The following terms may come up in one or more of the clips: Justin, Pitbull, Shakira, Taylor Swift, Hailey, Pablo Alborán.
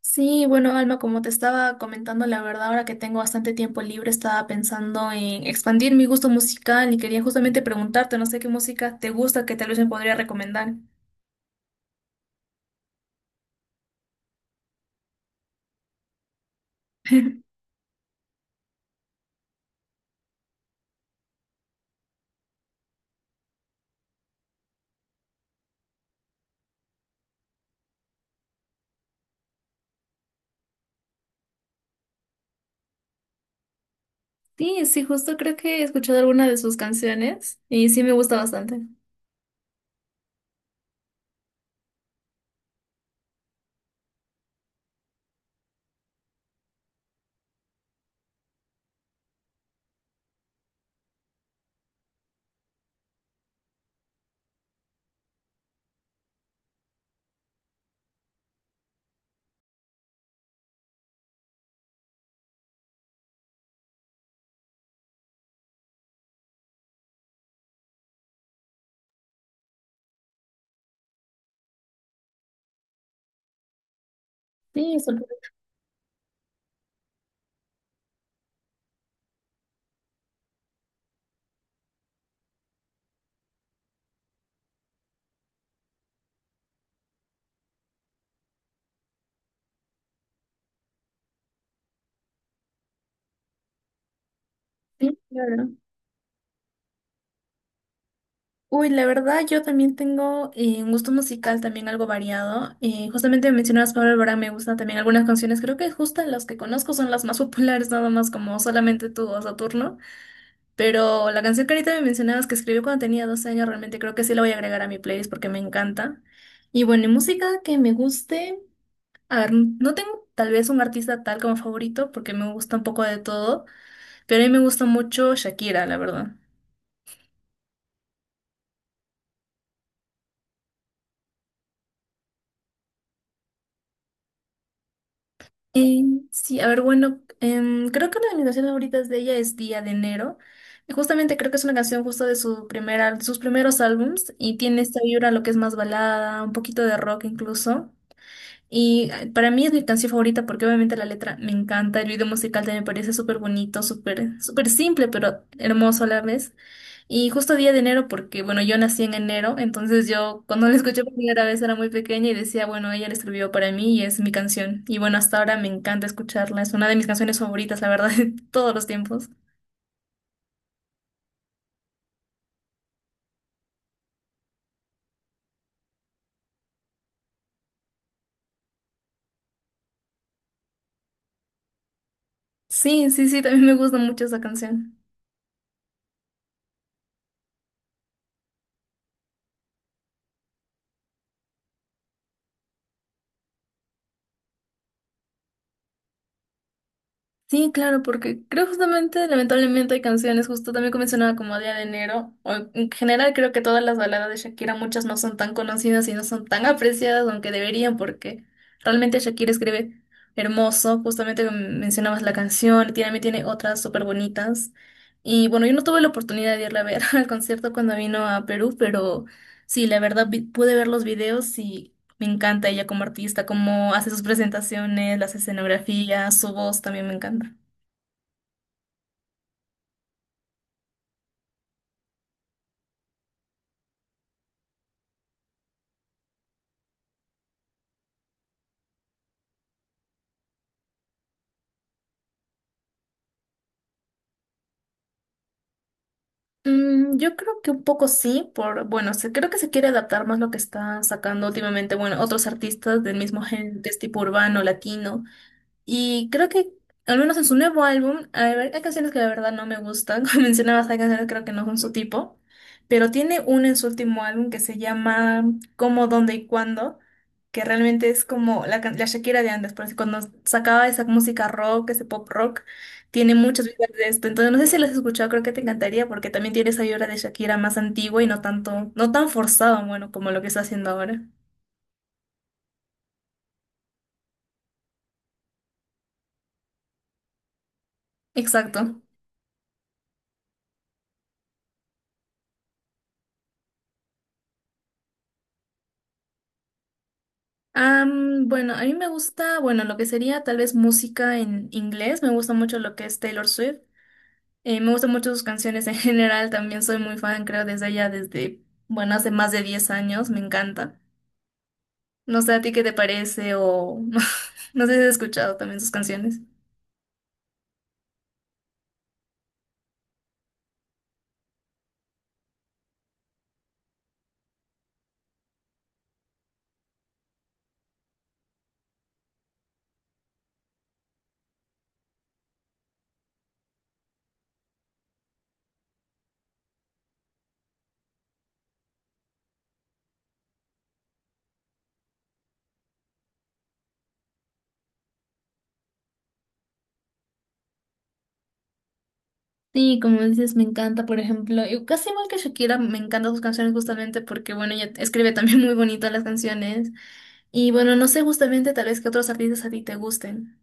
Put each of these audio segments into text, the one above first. Sí, bueno, Alma, como te estaba comentando, la verdad, ahora que tengo bastante tiempo libre, estaba pensando en expandir mi gusto musical y quería justamente preguntarte, no sé qué música te gusta que tal vez me podría recomendar. Sí, sí, justo creo que he escuchado alguna de sus canciones y sí me gusta bastante. Sí, sí, claro. Uy, la verdad, yo también tengo un gusto musical también algo variado. Justamente mencionabas Pablo Alborán, me gustan también algunas canciones. Creo que justo las que conozco son las más populares, nada más como Solamente Tú o Saturno. Pero la canción que ahorita me mencionabas que escribió cuando tenía 12 años, realmente creo que sí la voy a agregar a mi playlist porque me encanta. Y bueno, y música que me guste. A ver, no tengo tal vez un artista tal como favorito porque me gusta un poco de todo, pero a mí me gusta mucho Shakira, la verdad. Eh, sí, a ver, bueno, creo que una de mis canciones favoritas de ella es Día de Enero. Y justamente creo que es una canción justo de su primera, sus primeros álbums y tiene esta vibra, lo que es más balada, un poquito de rock incluso. Y para mí es mi canción favorita porque obviamente la letra me encanta, el video musical también me parece súper bonito, súper súper simple, pero hermoso a la vez. Y justo día de enero, porque bueno, yo nací en enero, entonces yo cuando la escuché por primera vez era muy pequeña y decía, bueno, ella la escribió para mí y es mi canción. Y bueno, hasta ahora me encanta escucharla, es una de mis canciones favoritas, la verdad, de todos los tiempos. Sí, sí, sí, también me gusta mucho esa canción. Sí, claro, porque creo justamente, lamentablemente, hay canciones, justo también como mencionaba como Día de Enero, o en general creo que todas las baladas de Shakira, muchas no son tan conocidas y no son tan apreciadas, aunque deberían, porque realmente Shakira escribe hermoso, justamente como mencionabas la canción, también tiene otras súper bonitas. Y bueno, yo no tuve la oportunidad de irla a ver al concierto cuando vino a Perú, pero sí, la verdad pude ver los videos y me encanta ella como artista, cómo hace sus presentaciones, las escenografías, su voz también me encanta. Mm, yo creo que un poco sí, bueno, creo que se quiere adaptar más lo que están sacando últimamente, bueno, otros artistas del mismo género, que es tipo urbano, latino. Y creo que, al menos en su nuevo álbum, a ver, hay canciones que la verdad no me gustan. Como mencionabas, hay canciones que creo que no son su tipo. Pero tiene una en su último álbum que se llama Cómo, Dónde y Cuándo, que realmente es como la, la Shakira de antes. Porque cuando sacaba esa música rock, ese pop rock, tiene muchos vibras de esto. Entonces, no sé si lo has escuchado, creo que te encantaría porque también tiene esa vibra de Shakira más antigua y no tanto, no tan forzado, bueno, como lo que está haciendo ahora. Exacto. Bueno, a mí me gusta, bueno, lo que sería tal vez música en inglés, me gusta mucho lo que es Taylor Swift, me gustan mucho sus canciones en general, también soy muy fan, creo, desde allá, desde, bueno, hace más de 10 años, me encanta. No sé a ti qué te parece o no sé si has escuchado también sus canciones. Sí, como dices, me encanta, por ejemplo, y casi igual que Shakira, me encantan sus canciones justamente porque, bueno, ella escribe también muy bonito las canciones. Y bueno, no sé justamente tal vez qué otros artistas a ti te gusten.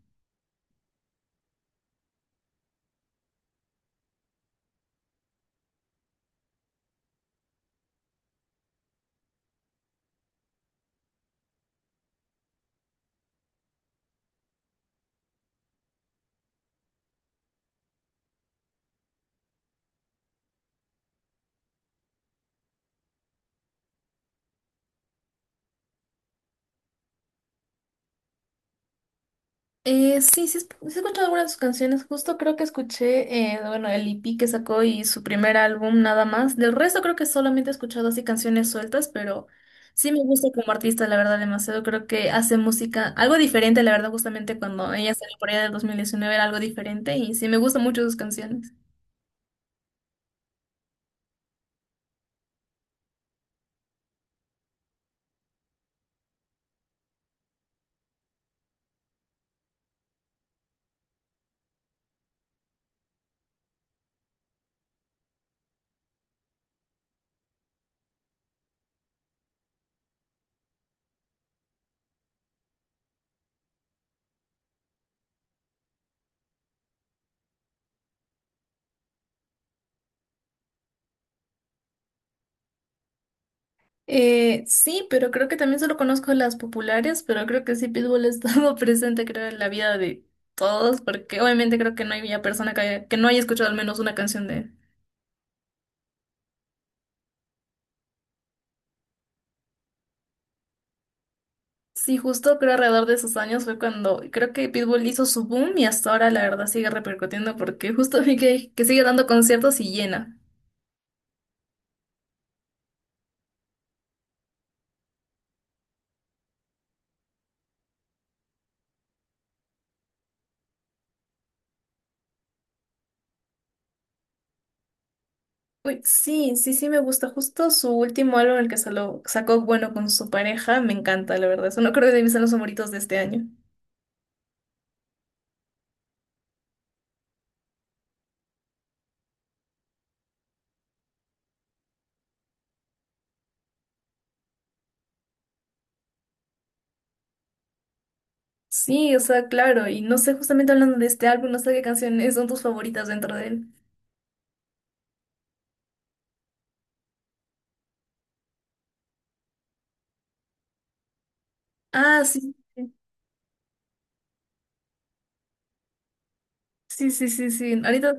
Sí, sí, he escuchado algunas de sus canciones. Justo creo que escuché, bueno, el EP que sacó y su primer álbum nada más. Del resto creo que solamente he escuchado así canciones sueltas, pero sí me gusta como artista, la verdad, demasiado. Creo que hace música algo diferente, la verdad, justamente cuando ella salió por allá del 2019 era algo diferente y sí me gustan mucho sus canciones. Sí, pero creo que también solo conozco las populares, pero creo que sí Pitbull ha estado presente, creo, en la vida de todos, porque obviamente creo que no hay persona que, que no haya escuchado al menos una canción de. Sí, justo creo alrededor de esos años fue cuando creo que Pitbull hizo su boom y hasta ahora la verdad sigue repercutiendo porque justo vi que sigue dando conciertos y llena. Uy, sí, sí, sí me gusta. Justo su último álbum, el que sacó bueno con su pareja, me encanta, la verdad. Eso no creo que de mis álbumes favoritos de este año. Sí, o sea, claro. Y no sé, justamente hablando de este álbum, no sé qué canciones son tus favoritas dentro de él. Ah, sí. Sí, sí, sí, sí, sí. Ahorita.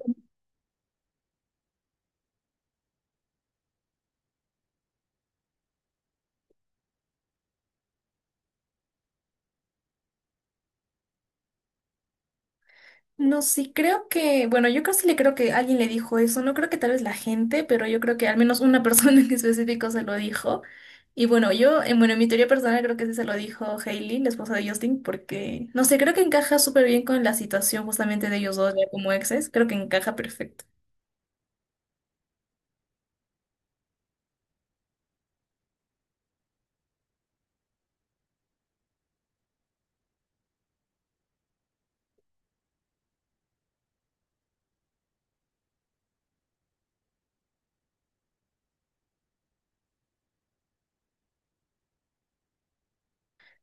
No, sí, creo que, bueno, yo casi le creo que alguien le dijo eso, no creo que tal vez la gente, pero yo creo que al menos una persona en específico se lo dijo. Y bueno, yo, bueno, en mi teoría personal creo que sí se lo dijo Hailey, la esposa de Justin, porque, no sé, creo que encaja súper bien con la situación justamente de ellos dos ya como exes, creo que encaja perfecto.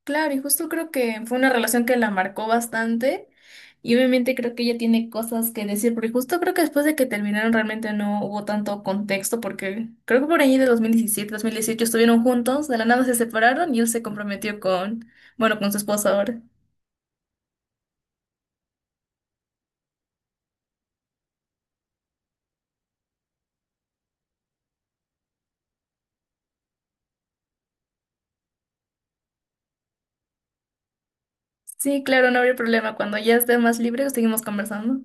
Claro, y justo creo que fue una relación que la marcó bastante y obviamente creo que ella tiene cosas que decir, porque justo creo que después de que terminaron realmente no hubo tanto contexto, porque creo que por ahí de 2017 2018 estuvieron juntos, de la nada se separaron y él se comprometió con, bueno, con su esposa ahora. Sí, claro, no habría problema. Cuando ya esté más libre, seguimos conversando.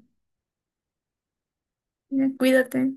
Ya, cuídate.